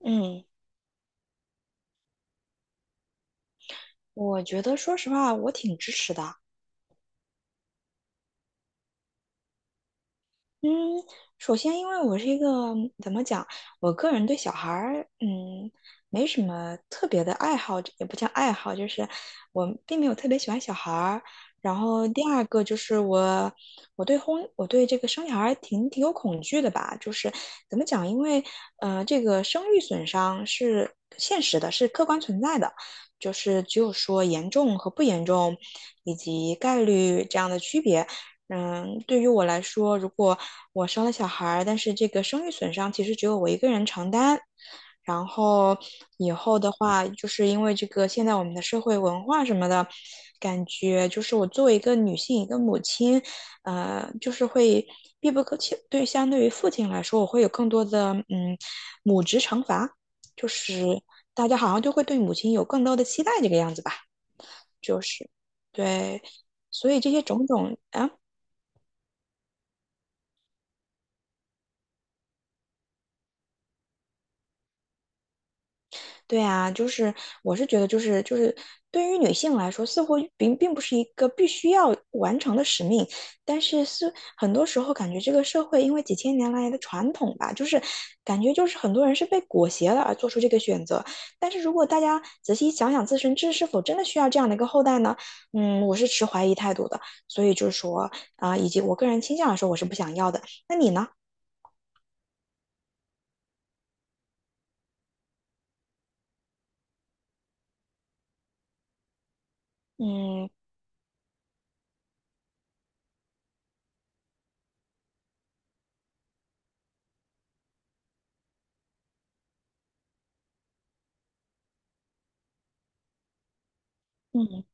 嗯，我觉得说实话，我挺支持的。嗯，首先，因为我是一个怎么讲，我个人对小孩儿，没什么特别的爱好，也不叫爱好，就是我并没有特别喜欢小孩儿。然后第二个就是我对婚，我对这个生小孩儿挺有恐惧的吧，就是怎么讲，因为这个生育损伤是现实的，是客观存在的，就是只有说严重和不严重，以及概率这样的区别。嗯，对于我来说，如果我生了小孩儿，但是这个生育损伤其实只有我一个人承担。然后以后的话，就是因为这个现在我们的社会文化什么的，感觉就是我作为一个女性，一个母亲，就是会必不可缺。对，相对于父亲来说，我会有更多的母职惩罚，就是大家好像就会对母亲有更多的期待，这个样子吧，就是对，所以这些种种啊。哎对啊，就是我是觉得，就是对于女性来说，似乎并不是一个必须要完成的使命，但是是很多时候感觉这个社会因为几千年来的传统吧，就是感觉就是很多人是被裹挟了而做出这个选择。但是如果大家仔细想想自身这是否真的需要这样的一个后代呢？嗯，我是持怀疑态度的。所以就是说啊、以及我个人倾向来说，我是不想要的。那你呢？嗯嗯。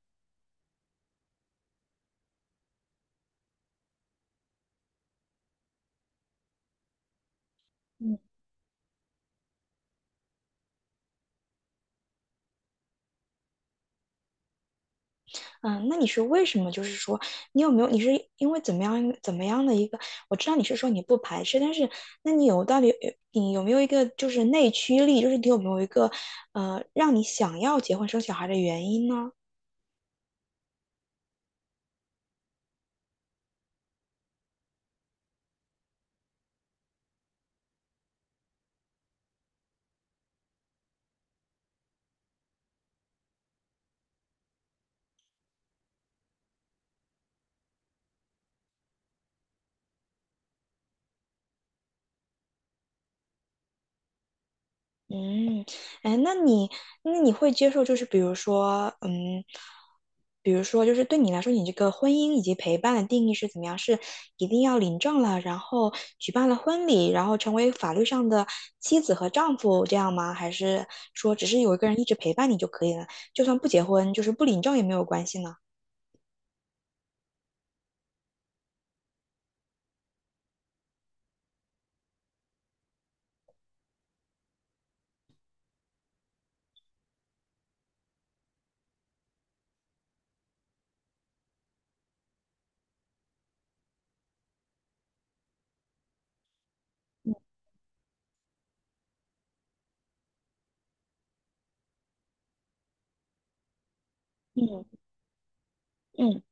嗯。嗯，那你是为什么？就是说，你有没有？你是因为怎么样怎么样的一个？我知道你是说你不排斥，但是那你有到底你有没有一个就是内驱力？就是你有没有一个让你想要结婚生小孩的原因呢？嗯，哎，那你会接受，就是比如说，嗯，比如说，就是对你来说，你这个婚姻以及陪伴的定义是怎么样？是一定要领证了，然后举办了婚礼，然后成为法律上的妻子和丈夫这样吗？还是说只是有一个人一直陪伴你就可以了，就算不结婚，就是不领证也没有关系呢？嗯。嗯，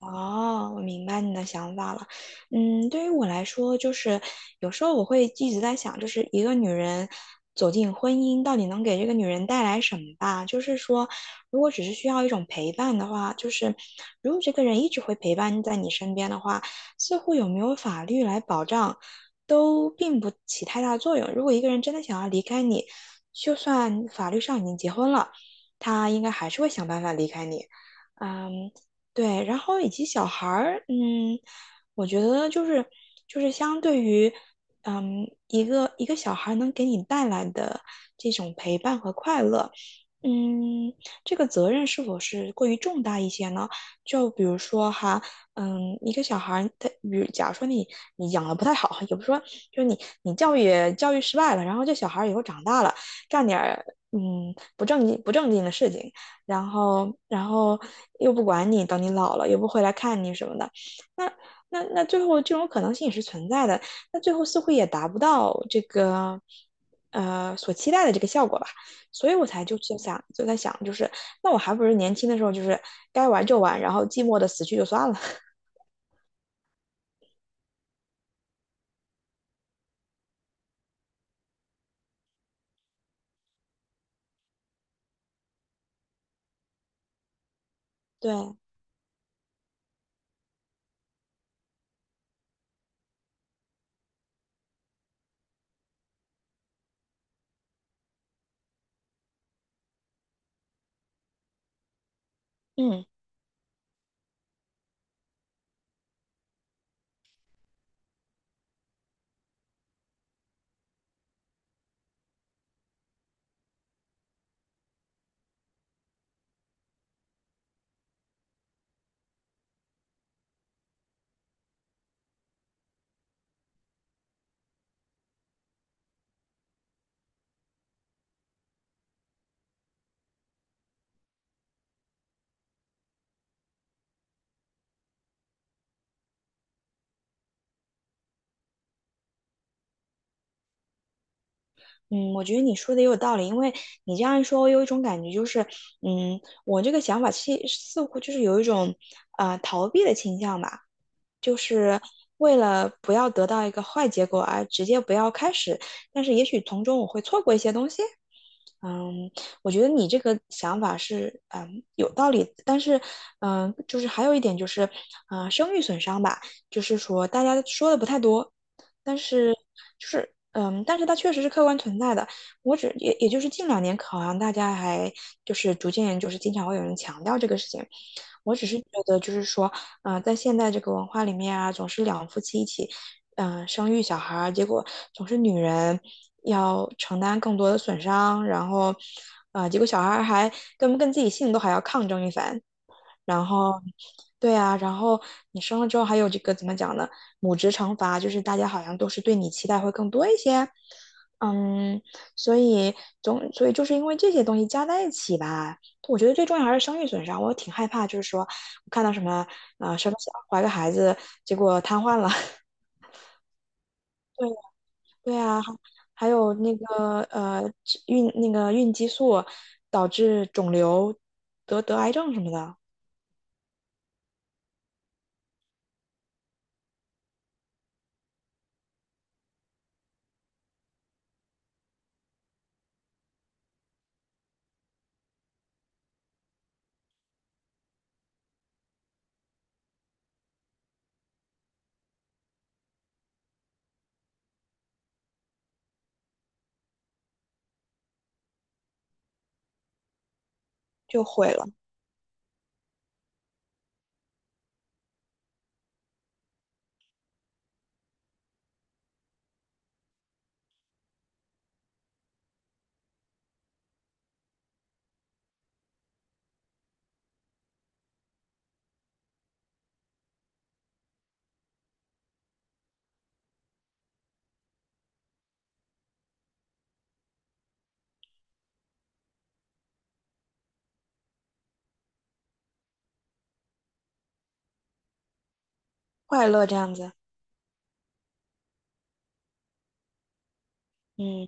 哦，我明白你的想法了。嗯，对于我来说，就是有时候我会一直在想，就是一个女人走进婚姻，到底能给这个女人带来什么吧？就是说，如果只是需要一种陪伴的话，就是如果这个人一直会陪伴在你身边的话，似乎有没有法律来保障，都并不起太大作用。如果一个人真的想要离开你，就算法律上已经结婚了，他应该还是会想办法离开你。嗯，对，然后以及小孩儿，嗯，我觉得就是相对于，嗯，一个小孩能给你带来的这种陪伴和快乐，嗯，这个责任是否是过于重大一些呢？就比如说哈，嗯，一个小孩儿他，比如假如说你你养的不太好，也不是说就是你你教育失败了，然后这小孩儿以后长大了，干点儿不正经的事情。然后又不管你，等你老了又不回来看你什么的，那那最后这种可能性也是存在的，那最后似乎也达不到这个所期待的这个效果吧，所以我才就是想就在想就是，那我还不如年轻的时候就是该玩就玩，然后寂寞的死去就算了，对，嗯。嗯，我觉得你说的也有道理，因为你这样一说，我有一种感觉，就是，嗯，我这个想法似乎就是有一种，逃避的倾向吧。就是为了不要得到一个坏结果而直接不要开始，但是也许从中我会错过一些东西。嗯，我觉得你这个想法是嗯有道理，但是嗯，就是还有一点就是，声誉损伤吧，就是说大家说的不太多，但是就是但是它确实是客观存在的。我只也也就是近两年，好像大家还就是逐渐就是经常会有人强调这个事情。我只是觉得就是说，啊、在现代这个文化里面啊，总是两夫妻一起，生育小孩儿，结果总是女人要承担更多的损伤，然后，啊，结果小孩儿还跟不跟自己姓都还要抗争一番，然后，对啊，然后你生了之后还有这个怎么讲呢？母职惩罚，就是大家好像都是对你期待会更多一些，嗯，所以所以就是因为这些东西加在一起吧，我觉得最重要还是生育损伤，我挺害怕，就是说我看到什么什么小怀个孩子，结果瘫痪了。对啊，还还有那个那个孕激素导致肿瘤得癌症什么的，就毁了快乐这样子。嗯。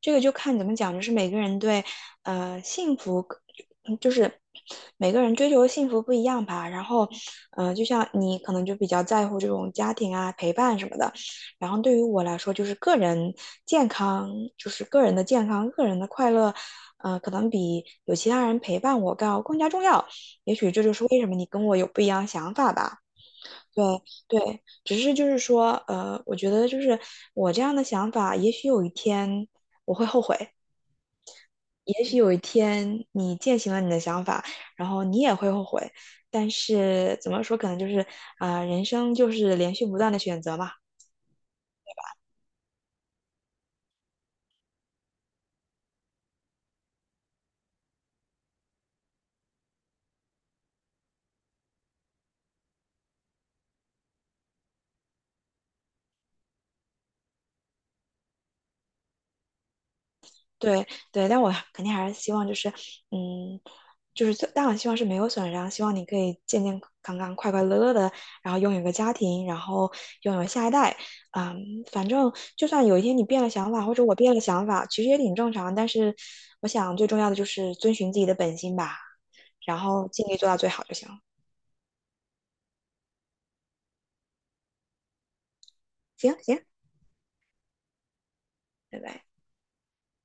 这个就看怎么讲，就是每个人对幸福，嗯就是每个人追求的幸福不一样吧。然后，呃，就像你可能就比较在乎这种家庭啊、陪伴什么的。然后对于我来说，就是个人健康，就是个人的健康、个人的快乐，呃，可能比有其他人陪伴我更加重要。也许这就是为什么你跟我有不一样的想法吧。对对，只是就是说，我觉得就是我这样的想法，也许有一天我会后悔，也许有一天你践行了你的想法，然后你也会后悔。但是怎么说，可能就是人生就是连续不断的选择嘛。对对，但我肯定还是希望就是，嗯，就是最，但我希望是没有损伤，希望你可以健健康康、快快乐乐的，然后拥有一个家庭，然后拥有下一代。嗯，反正就算有一天你变了想法，或者我变了想法，其实也挺正常。但是我想最重要的就是遵循自己的本心吧，然后尽力做到最好就行了。行行，拜拜。